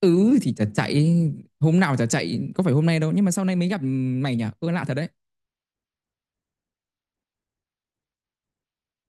Ừ thì chả chạy. Hôm nào chả chạy. Có phải hôm nay đâu. Nhưng mà sau này mới gặp mày nhỉ. Ơ lạ thật đấy.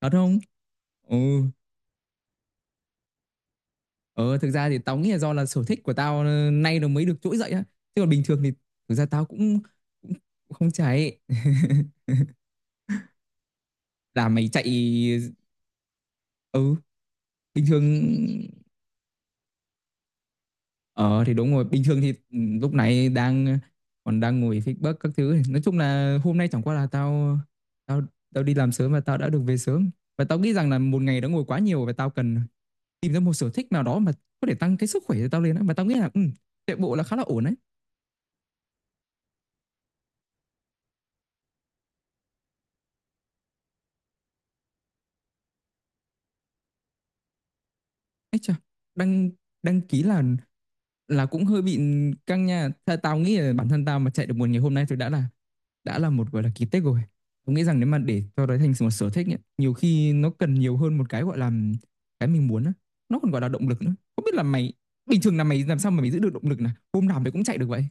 Thật không? Ừ. Ờ thực ra thì tao nghĩ là do là sở thích của tao nay nó mới được trỗi dậy á. Chứ còn bình thường thì thực ra tao cũng cũng không chạy. Là mày chạy. Ừ bình thường. Ờ thì đúng rồi, bình thường thì lúc này đang còn đang ngồi feedback các thứ. Nói chung là hôm nay chẳng qua là tao tao tao đi làm sớm và tao đã được về sớm. Và tao nghĩ rằng là một ngày đã ngồi quá nhiều và tao cần tìm ra một sở thích nào đó mà có thể tăng cái sức khỏe cho tao lên á. Mà tao nghĩ là chạy bộ là khá là ổn đấy. Ấy chà, đăng đăng ký là cũng hơi bị căng nha. Tao nghĩ là bản thân tao mà chạy được một ngày hôm nay thì đã là một gọi là kỳ tích rồi. Tôi nghĩ rằng nếu mà để cho đấy thành một sở thích ấy, nhiều khi nó cần nhiều hơn một cái gọi là cái mình muốn á. Nó còn gọi là động lực nữa. Không biết là mày bình thường là mày làm sao mà mày giữ được động lực này? Hôm nào mày cũng chạy được vậy?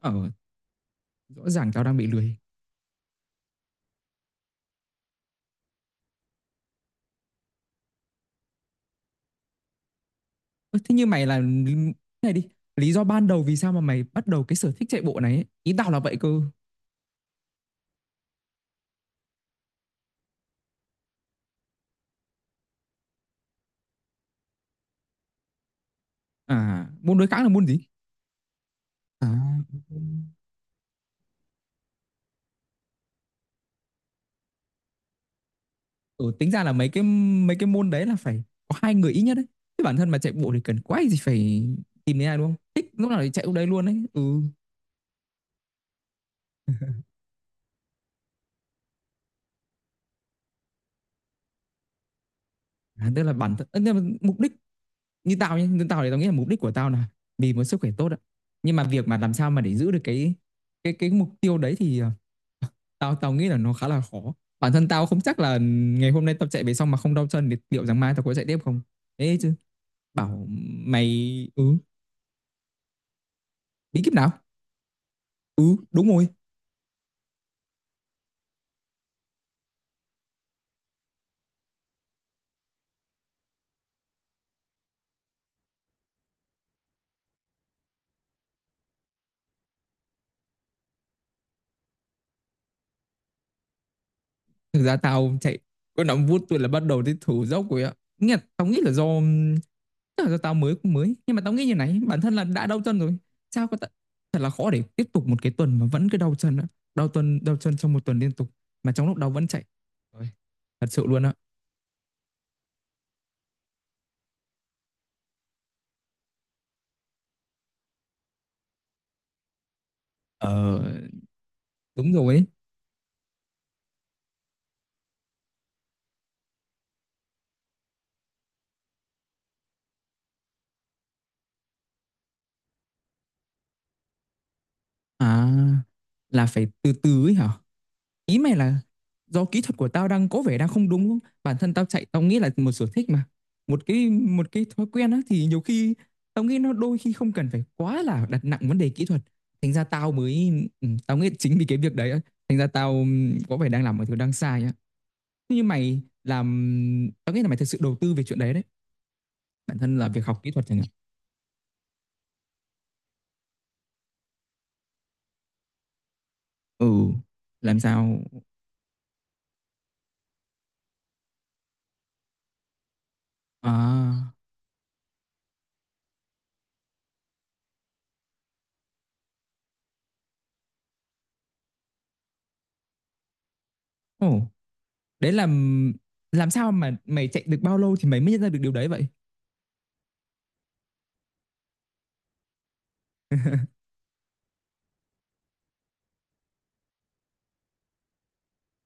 Ờ, rõ ràng tao đang bị lười. Ơ, thế như mày là này đi, lý do ban đầu vì sao mà mày bắt đầu cái sở thích chạy bộ này ấy? Ý tao là vậy cơ. À, môn đối kháng là môn gì? À, ừ, tính ra là mấy cái môn đấy là phải có hai người ít nhất đấy, chứ bản thân mà chạy bộ thì cần quá gì phải tìm đến ai đúng không, thích lúc nào thì chạy lúc đấy luôn đấy ừ. À, tức là bản thân nhưng mà mục đích như tao nhé, như tao thì tao nghĩ là mục đích của tao là vì một sức khỏe tốt ạ, nhưng mà việc mà làm sao mà để giữ được cái mục tiêu đấy thì tao tao nghĩ là nó khá là khó. Bản thân tao không chắc là ngày hôm nay tao chạy về xong mà không đau chân thì liệu rằng mai tao có chạy tiếp không. Thế chứ bảo mày ừ bí kíp nào ừ đúng rồi. Thực ra tao chạy có 5 phút tôi là bắt đầu thấy thở dốc rồi ạ. Nghĩa là tao nghĩ là tức là do tao mới cũng mới, nhưng mà tao nghĩ như này, bản thân là đã đau chân rồi sao có ta... thật là khó để tiếp tục một cái tuần mà vẫn cứ đau chân á, đau tuần đau chân trong một tuần liên tục mà trong lúc đau vẫn chạy. Ôi, thật sự luôn á. Ờ đúng rồi ấy. À là phải từ từ ấy hả? Ý mày là do kỹ thuật của tao đang có vẻ đang không đúng không? Bản thân tao chạy tao nghĩ là một sở thích mà. Một cái thói quen á thì nhiều khi tao nghĩ nó đôi khi không cần phải quá là đặt nặng vấn đề kỹ thuật. Thành ra tao mới ừ, tao nghĩ chính vì cái việc đấy á, thành ra tao có vẻ đang làm một thứ đang sai á. Thế như mày làm tao nghĩ là mày thực sự đầu tư về chuyện đấy đấy. Bản thân là việc học kỹ thuật chẳng hạn. Ừ, làm sao à ồ, đấy là làm sao mà mày chạy được bao lâu thì mày mới nhận ra được điều đấy vậy?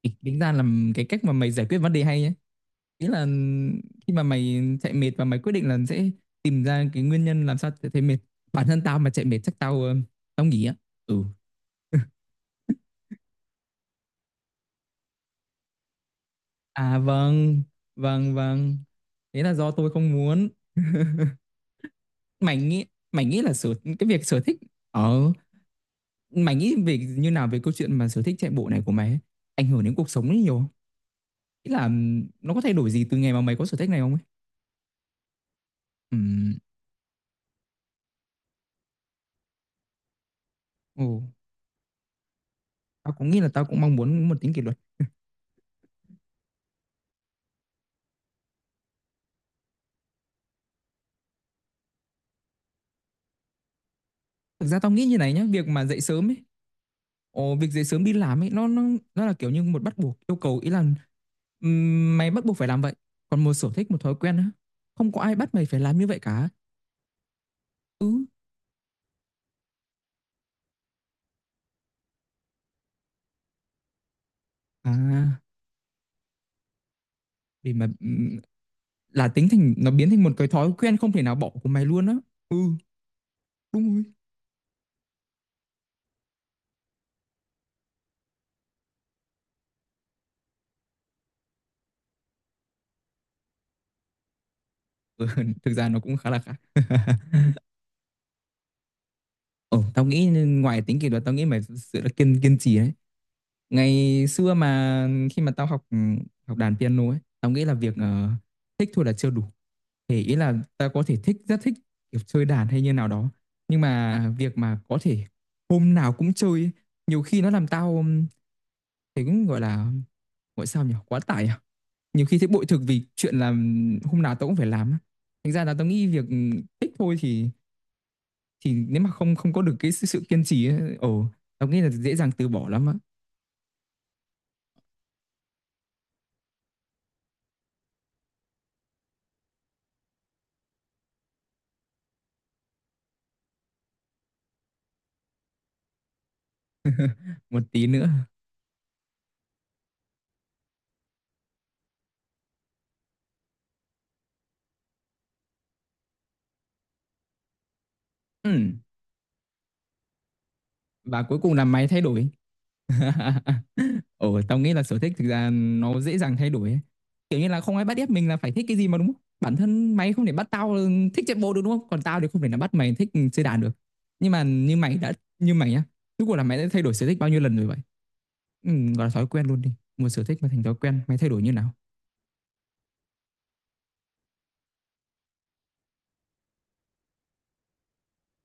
Ý, tính ra là cái cách mà mày giải quyết vấn đề hay nhé. Ý là khi mà mày chạy mệt và mày quyết định là sẽ tìm ra cái nguyên nhân làm sao chạy thấy mệt. Bản thân tao mà chạy mệt chắc tao tao nghỉ á. Ừ. À vâng, vâng vâng. Thế là do tôi không muốn. Mày nghĩ Mày nghĩ là sở cái việc sở thích ở mày nghĩ về như nào về câu chuyện mà sở thích chạy bộ này của mày ấy, ảnh hưởng đến cuộc sống ấy nhiều không? Ý là nó có thay đổi gì từ ngày mà mày có sở thích này không ấy? Ừm. Ồ, tao cũng nghĩ là tao cũng mong muốn một tính kỷ luật. Thực ra tao nghĩ như này nhá, việc mà dậy sớm ấy, ồ, việc dậy sớm đi làm ấy, nó là kiểu như một bắt buộc yêu cầu, ý là mày bắt buộc phải làm vậy. Còn một sở thích, một thói quen á, không có ai bắt mày phải làm như vậy cả. Ừ, à, để mà là tính thành nó biến thành một cái thói quen không thể nào bỏ của mày luôn á. Ừ, đúng rồi. Ừ, thực ra nó cũng khá là khác. Ồ, tao nghĩ ngoài tính kỷ luật, tao nghĩ mày thực sự là kiên kiên trì đấy. Ngày xưa mà khi mà tao học học đàn piano ấy, tao nghĩ là việc thích thôi là chưa đủ. Thì ý là tao có thể thích rất thích kiểu chơi đàn hay như nào đó, nhưng mà việc mà có thể hôm nào cũng chơi ấy, nhiều khi nó làm tao thấy cũng gọi là gọi sao nhỉ, quá tải à. Nhiều khi thấy bội thực vì chuyện là hôm nào tao cũng phải làm á. Thành ra là tao nghĩ việc thích thôi thì nếu mà không không có được cái sự kiên trì ấy, ồ, tao nghĩ là dễ dàng từ bỏ lắm á. Một tí nữa. Ừ. Và cuối cùng là mày thay đổi. Ồ tao nghĩ là sở thích thực ra nó dễ dàng thay đổi ấy. Kiểu như là không ai bắt ép mình là phải thích cái gì mà đúng không, bản thân mày không thể bắt tao thích chạy bộ được đúng không, còn tao thì không thể nào bắt mày thích chơi đàn được. Nhưng mà như mày đã như mày nhá, rốt cuộc là mày đã thay đổi sở thích bao nhiêu lần rồi vậy? Ừ, gọi là thói quen luôn đi, một sở thích mà thành thói quen mày thay đổi như nào.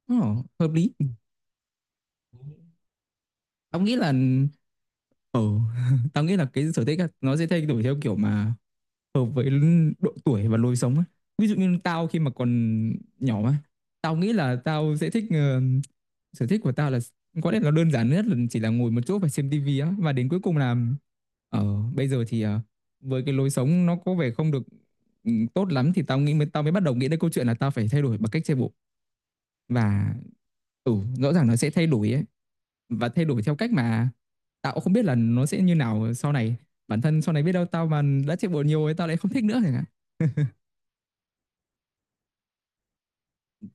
Ồ, hợp lý. Tao nghĩ là ừ, tao nghĩ là cái sở thích á, nó sẽ thay đổi theo kiểu mà hợp với độ tuổi và lối sống á. Ví dụ như tao khi mà còn nhỏ á, tao nghĩ là tao sẽ thích sở thích của tao là có lẽ là đơn giản nhất là chỉ là ngồi một chỗ và xem tivi á, và đến cuối cùng là ờ bây giờ thì với cái lối sống nó có vẻ không được ừ, tốt lắm thì tao mới bắt đầu nghĩ đến câu chuyện là tao phải thay đổi bằng cách chạy bộ. Và ừ rõ ràng nó sẽ thay đổi ấy, và thay đổi theo cách mà tao cũng không biết là nó sẽ như nào sau này. Bản thân sau này biết đâu tao mà đã chạy bộ nhiều ấy tao lại không thích nữa chẳng hạn.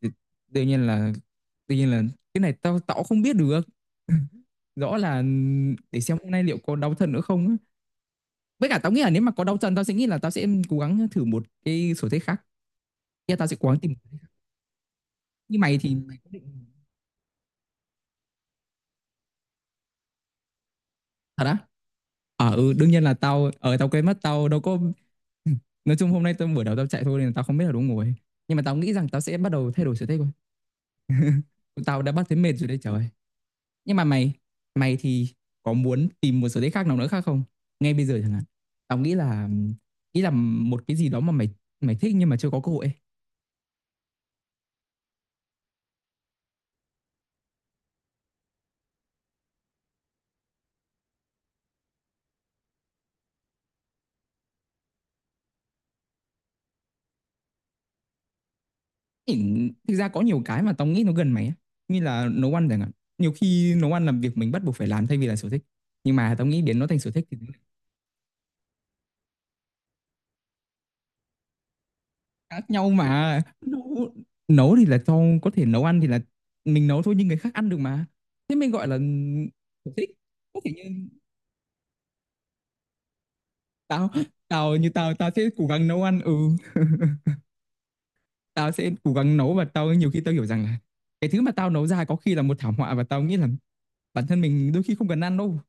Thì đương nhiên là đương nhiên là cái này tao tao cũng không biết được. Rõ là để xem hôm nay liệu có đau chân nữa không á. Với cả tao nghĩ là nếu mà có đau chân tao sẽ nghĩ là tao sẽ cố gắng thử một cái sở thích khác. Yeah, tao sẽ cố gắng tìm như mày thì thật á. Ờ ừ, đương nhiên là tao ở tao quên mất tao đâu có. Nói chung hôm nay tao buổi đầu tao chạy thôi nên là tao không biết là đúng ngồi, nhưng mà tao nghĩ rằng tao sẽ bắt đầu thay đổi sở thích thôi. Tao đã bắt thấy mệt rồi đấy, trời ơi. Nhưng mà mày mày thì có muốn tìm một sở thích khác nào nữa khác không, ngay bây giờ chẳng hạn? Tao nghĩ là một cái gì đó mà mày mày thích nhưng mà chưa có cơ hội ấy. Thì thực ra có nhiều cái mà tao nghĩ nó gần mày á, như là nấu ăn chẳng hạn. Nhiều khi nấu ăn là việc mình bắt buộc phải làm thay vì là sở thích, nhưng mà tao nghĩ biến nó thành sở thích thì khác nhau mà. Nấu nấu thì là cho có thể nấu ăn thì là mình nấu thôi nhưng người khác ăn được mà, thế mình gọi là sở thích. Có thể tao như tao tao sẽ cố gắng nấu ăn ừ, tao sẽ cố gắng nấu. Và nhiều khi tao hiểu rằng là cái thứ mà tao nấu ra có khi là một thảm họa, và tao nghĩ là bản thân mình đôi khi không cần ăn đâu.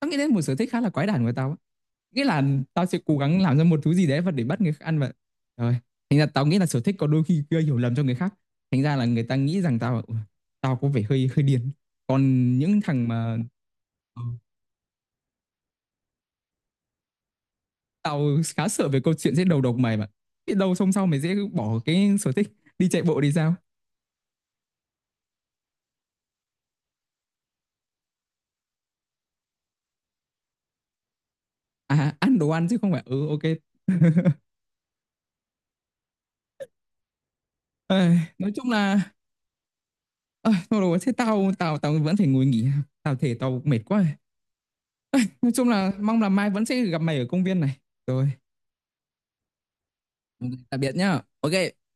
Tao nghĩ đến một sở thích khá là quái đản của tao á. Nghĩa là tao sẽ cố gắng làm ra một thứ gì đấy và để bắt người khác ăn và rồi thành ra tao nghĩ là sở thích có đôi khi gây hiểu lầm cho người khác, thành ra là người ta nghĩ rằng tao tao có vẻ hơi hơi điên. Còn những thằng mà ừ, tao khá sợ về câu chuyện sẽ đầu độc mày, mà biết đâu xong sau mày dễ bỏ cái sở thích đi chạy bộ thì sao. À ăn đồ ăn chứ không phải ừ ok. Ây, nói chung là ơi thôi rồi, thế tao tao tao vẫn phải ngồi nghỉ, tao thể tao mệt quá. Nói chung là mong là mai vẫn sẽ gặp mày ở công viên này rồi. Ok, tạm biệt nhá. Ok.